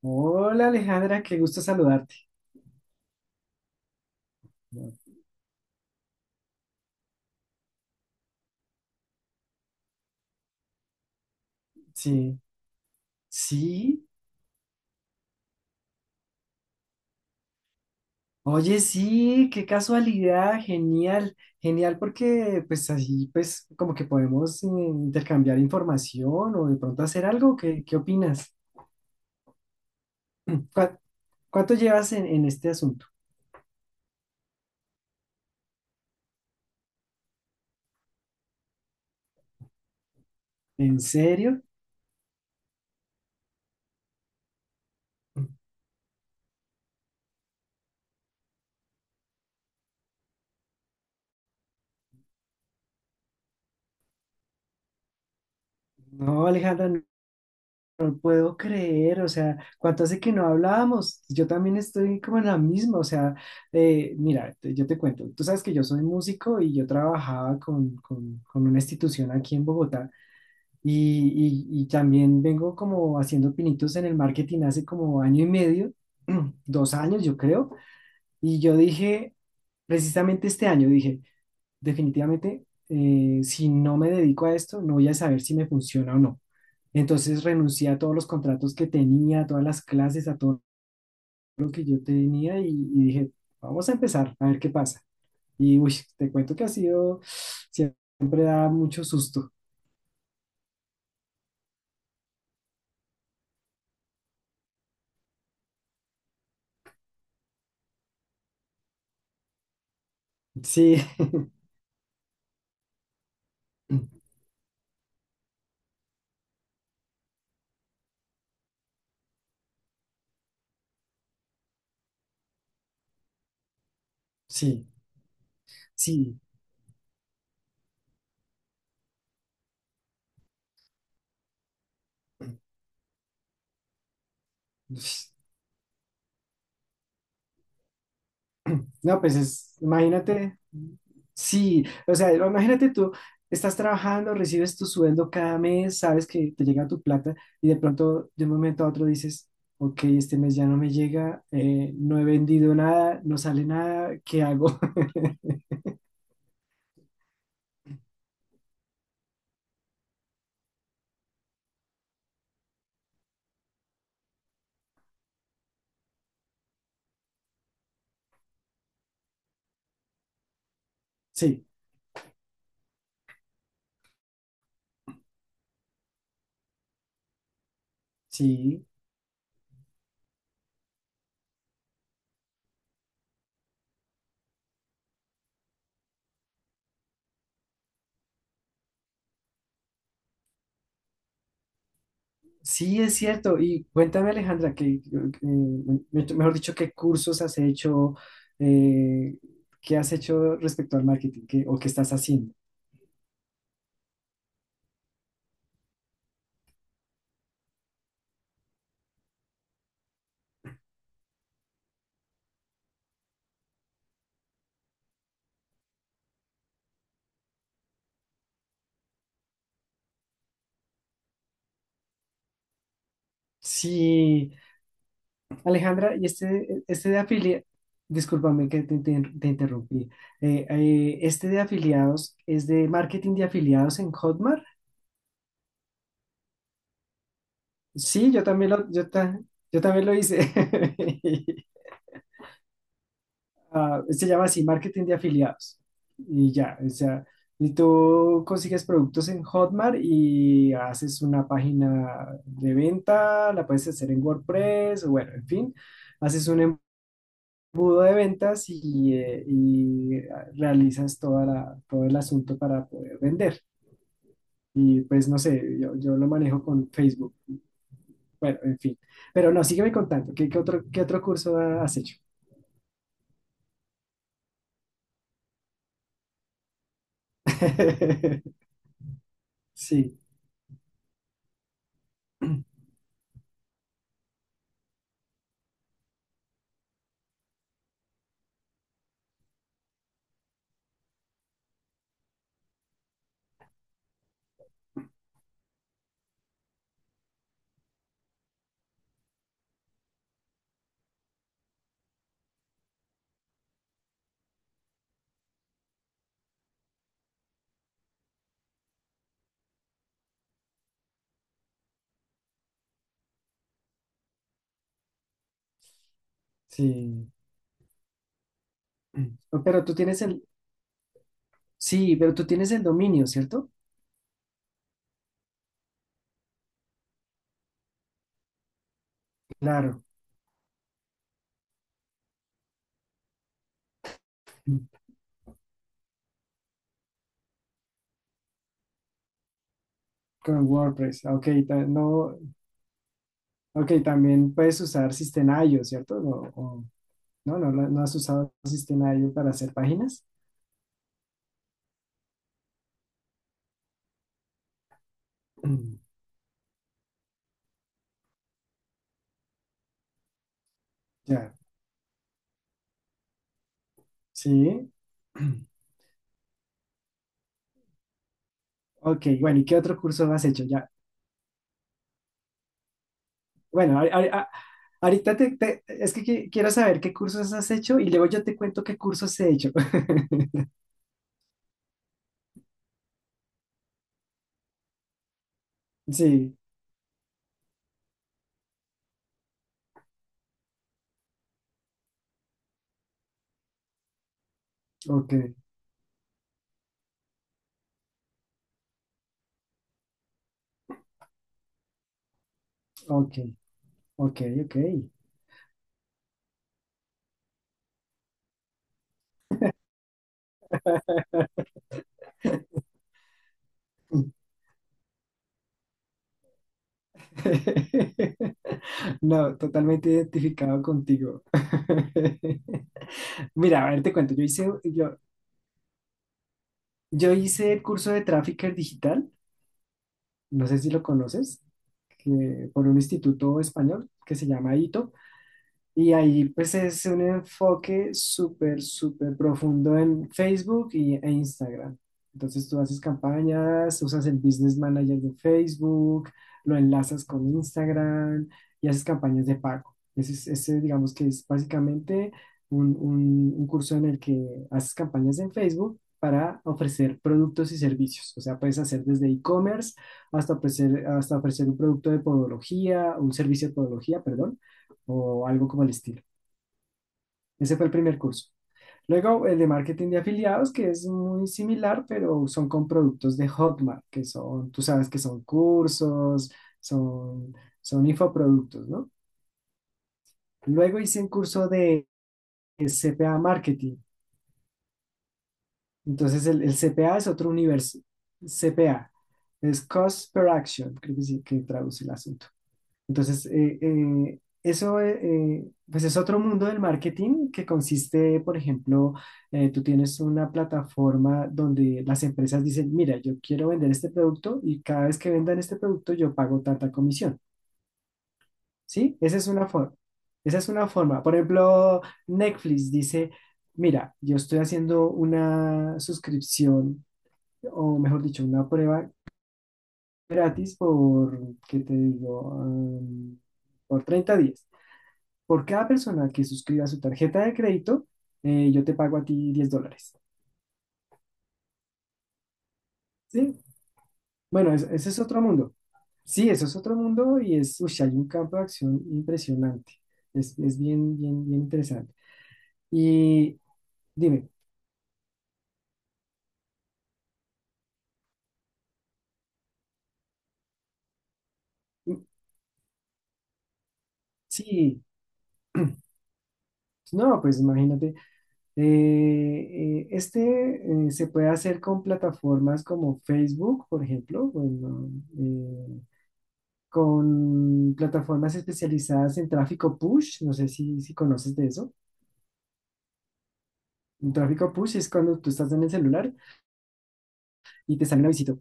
Hola Alejandra, qué gusto saludarte. Sí, sí. Oye, sí, qué casualidad, genial, genial porque pues así pues como que podemos intercambiar información o de pronto hacer algo, ¿qué opinas? ¿Cuá- ¿Cuánto llevas en este asunto? ¿En serio? No, Alejandra, puedo creer, o sea, cuánto hace que no hablábamos. Yo también estoy como en la misma, o sea, mira, yo te cuento, tú sabes que yo soy músico y yo trabajaba con una institución aquí en Bogotá y también vengo como haciendo pinitos en el marketing hace como año y medio, 2 años yo creo, y yo dije, precisamente este año dije, definitivamente, si no me dedico a esto, no voy a saber si me funciona o no. Entonces renuncié a todos los contratos que tenía, a todas las clases, a todo lo que yo tenía y dije, vamos a empezar a ver qué pasa. Y uy, te cuento que ha sido, siempre da mucho susto. Sí, sí, sí. Uy, no, pues es, imagínate, sí, o sea, imagínate tú, estás trabajando, recibes tu sueldo cada mes, sabes que te llega tu plata y de pronto de un momento a otro dices, ok, este mes ya no me llega, no he vendido nada, no sale nada, ¿qué hago? Sí, sí, sí es cierto. Y cuéntame, Alejandra, que, mejor dicho, ¿qué cursos has hecho? Eh, ¿Qué has hecho respecto al marketing? ¿O qué estás haciendo? Sí, Alejandra, y este, de afiliados, discúlpame que te interrumpí. Este de afiliados es de marketing de afiliados en Hotmart. Sí, yo también lo hice. Ah, se llama así, marketing de afiliados. Y ya, o sea, y tú consigues productos en Hotmart y haces una página de venta, la puedes hacer en WordPress, o bueno, en fin, haces un embudo de ventas y realizas todo el asunto para poder vender. Y pues no sé, yo lo manejo con Facebook. Bueno, en fin. Pero no, sígueme contando. ¿Qué otro curso has hecho? Sí, sí. No, sí, pero tú tienes el dominio, ¿cierto? Claro. Con WordPress. Ok, no, ok, también puedes usar System.io, ¿cierto? No, no has usado System.io para hacer páginas. Ya, sí. Ok, bueno, ¿y qué otro curso has hecho? Ya, bueno, ahorita es que quiero saber qué cursos has hecho y luego yo te cuento qué cursos he hecho. Sí, ok, ok, ok, ok. No, totalmente identificado contigo. Mira, a ver, te cuento, yo hice el curso de Trafficker Digital, no sé si lo conoces, que, por un instituto español que se llama ITO. Y ahí pues es un enfoque súper, súper profundo en Facebook e Instagram. Entonces tú haces campañas, usas el Business Manager de Facebook, lo enlazas con Instagram y haces campañas de pago. Ese digamos que es básicamente un curso en el que haces campañas en Facebook para ofrecer productos y servicios. O sea, puedes hacer desde e-commerce hasta ofrecer un producto de podología, un servicio de podología, perdón o algo como el estilo. Ese fue el primer curso. Luego el de marketing de afiliados, que es muy similar, pero son con productos de Hotmart, que son, tú sabes que son cursos, son, son infoproductos, ¿no? Luego hice un curso de CPA Marketing. Entonces el CPA es otro universo. CPA es Cost Per Action, creo que sí, que traduce el asunto. Entonces, eso pues es otro mundo del marketing que consiste, por ejemplo, tú tienes una plataforma donde las empresas dicen, mira, yo quiero vender este producto y cada vez que vendan este producto yo pago tanta comisión, ¿sí? Esa es una forma. Esa es una forma. Por ejemplo, Netflix dice, mira, yo estoy haciendo una suscripción, o mejor dicho, una prueba gratis por, ¿qué te digo? Por 30 días. Por cada persona que suscriba su tarjeta de crédito, yo te pago a ti $10. ¿Sí? Bueno, ese es otro mundo. Sí, eso es otro mundo y uy, hay un campo de acción impresionante. Es bien, bien, bien interesante. Y dime, mm, sí, no, pues imagínate, este se puede hacer con plataformas como Facebook, por ejemplo, bueno, eh, con plataformas especializadas en tráfico push, no sé si conoces de eso. Un tráfico push es cuando tú estás en el celular y te sale un visita.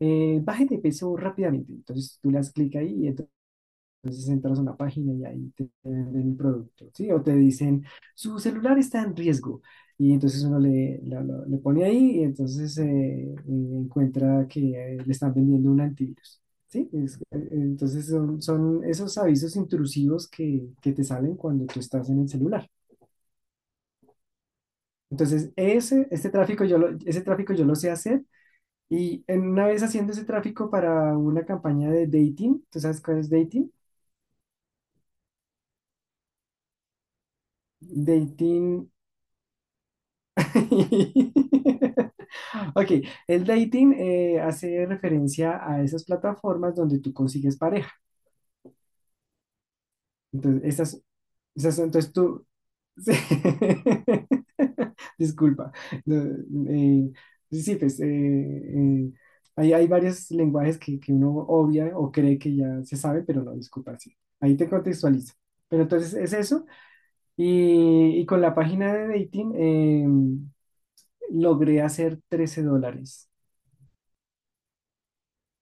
Baje de peso rápidamente. Entonces tú le das clic ahí y entonces entras a una página y ahí te venden el producto, ¿sí? O te dicen, su celular está en riesgo. Y entonces uno le pone ahí y entonces encuentra que le están vendiendo un antivirus, ¿sí? Entonces son, esos avisos intrusivos que te salen cuando tú estás en el celular. Entonces, ese tráfico yo lo sé hacer. Y en una vez haciendo ese tráfico para una campaña de dating, ¿tú sabes cuál es dating? Dating. Ok, el dating hace referencia a esas plataformas donde tú consigues pareja. Entonces, esas son, entonces tú. Sí. Disculpa. No, eh, sí, sí, pues hay varios lenguajes que uno obvia o cree que ya se sabe, pero no, disculpa, sí. Ahí te contextualizo. Pero entonces es eso. Y con la página de dating logré hacer $13.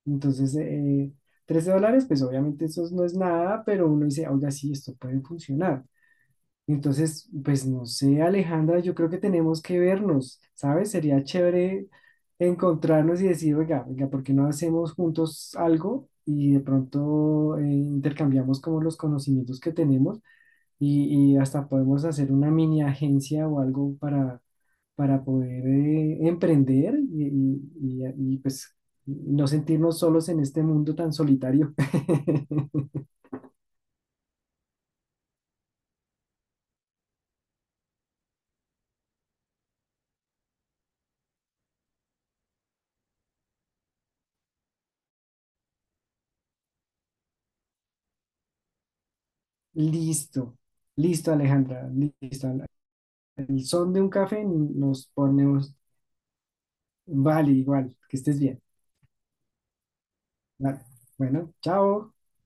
Entonces, $13, pues obviamente eso no es nada, pero uno dice, oiga, sí, esto puede funcionar. Entonces, pues no sé, Alejandra, yo creo que tenemos que vernos, ¿sabes? Sería chévere encontrarnos y decir, oiga, oiga, ¿por qué no hacemos juntos algo? Y de pronto intercambiamos como los conocimientos que tenemos y hasta podemos hacer una mini agencia o algo para poder emprender y, pues no sentirnos solos en este mundo tan solitario. Listo, listo Alejandra, listo. Al son de un café nos ponemos, vale, igual, que estés bien. Vale. Bueno, chao.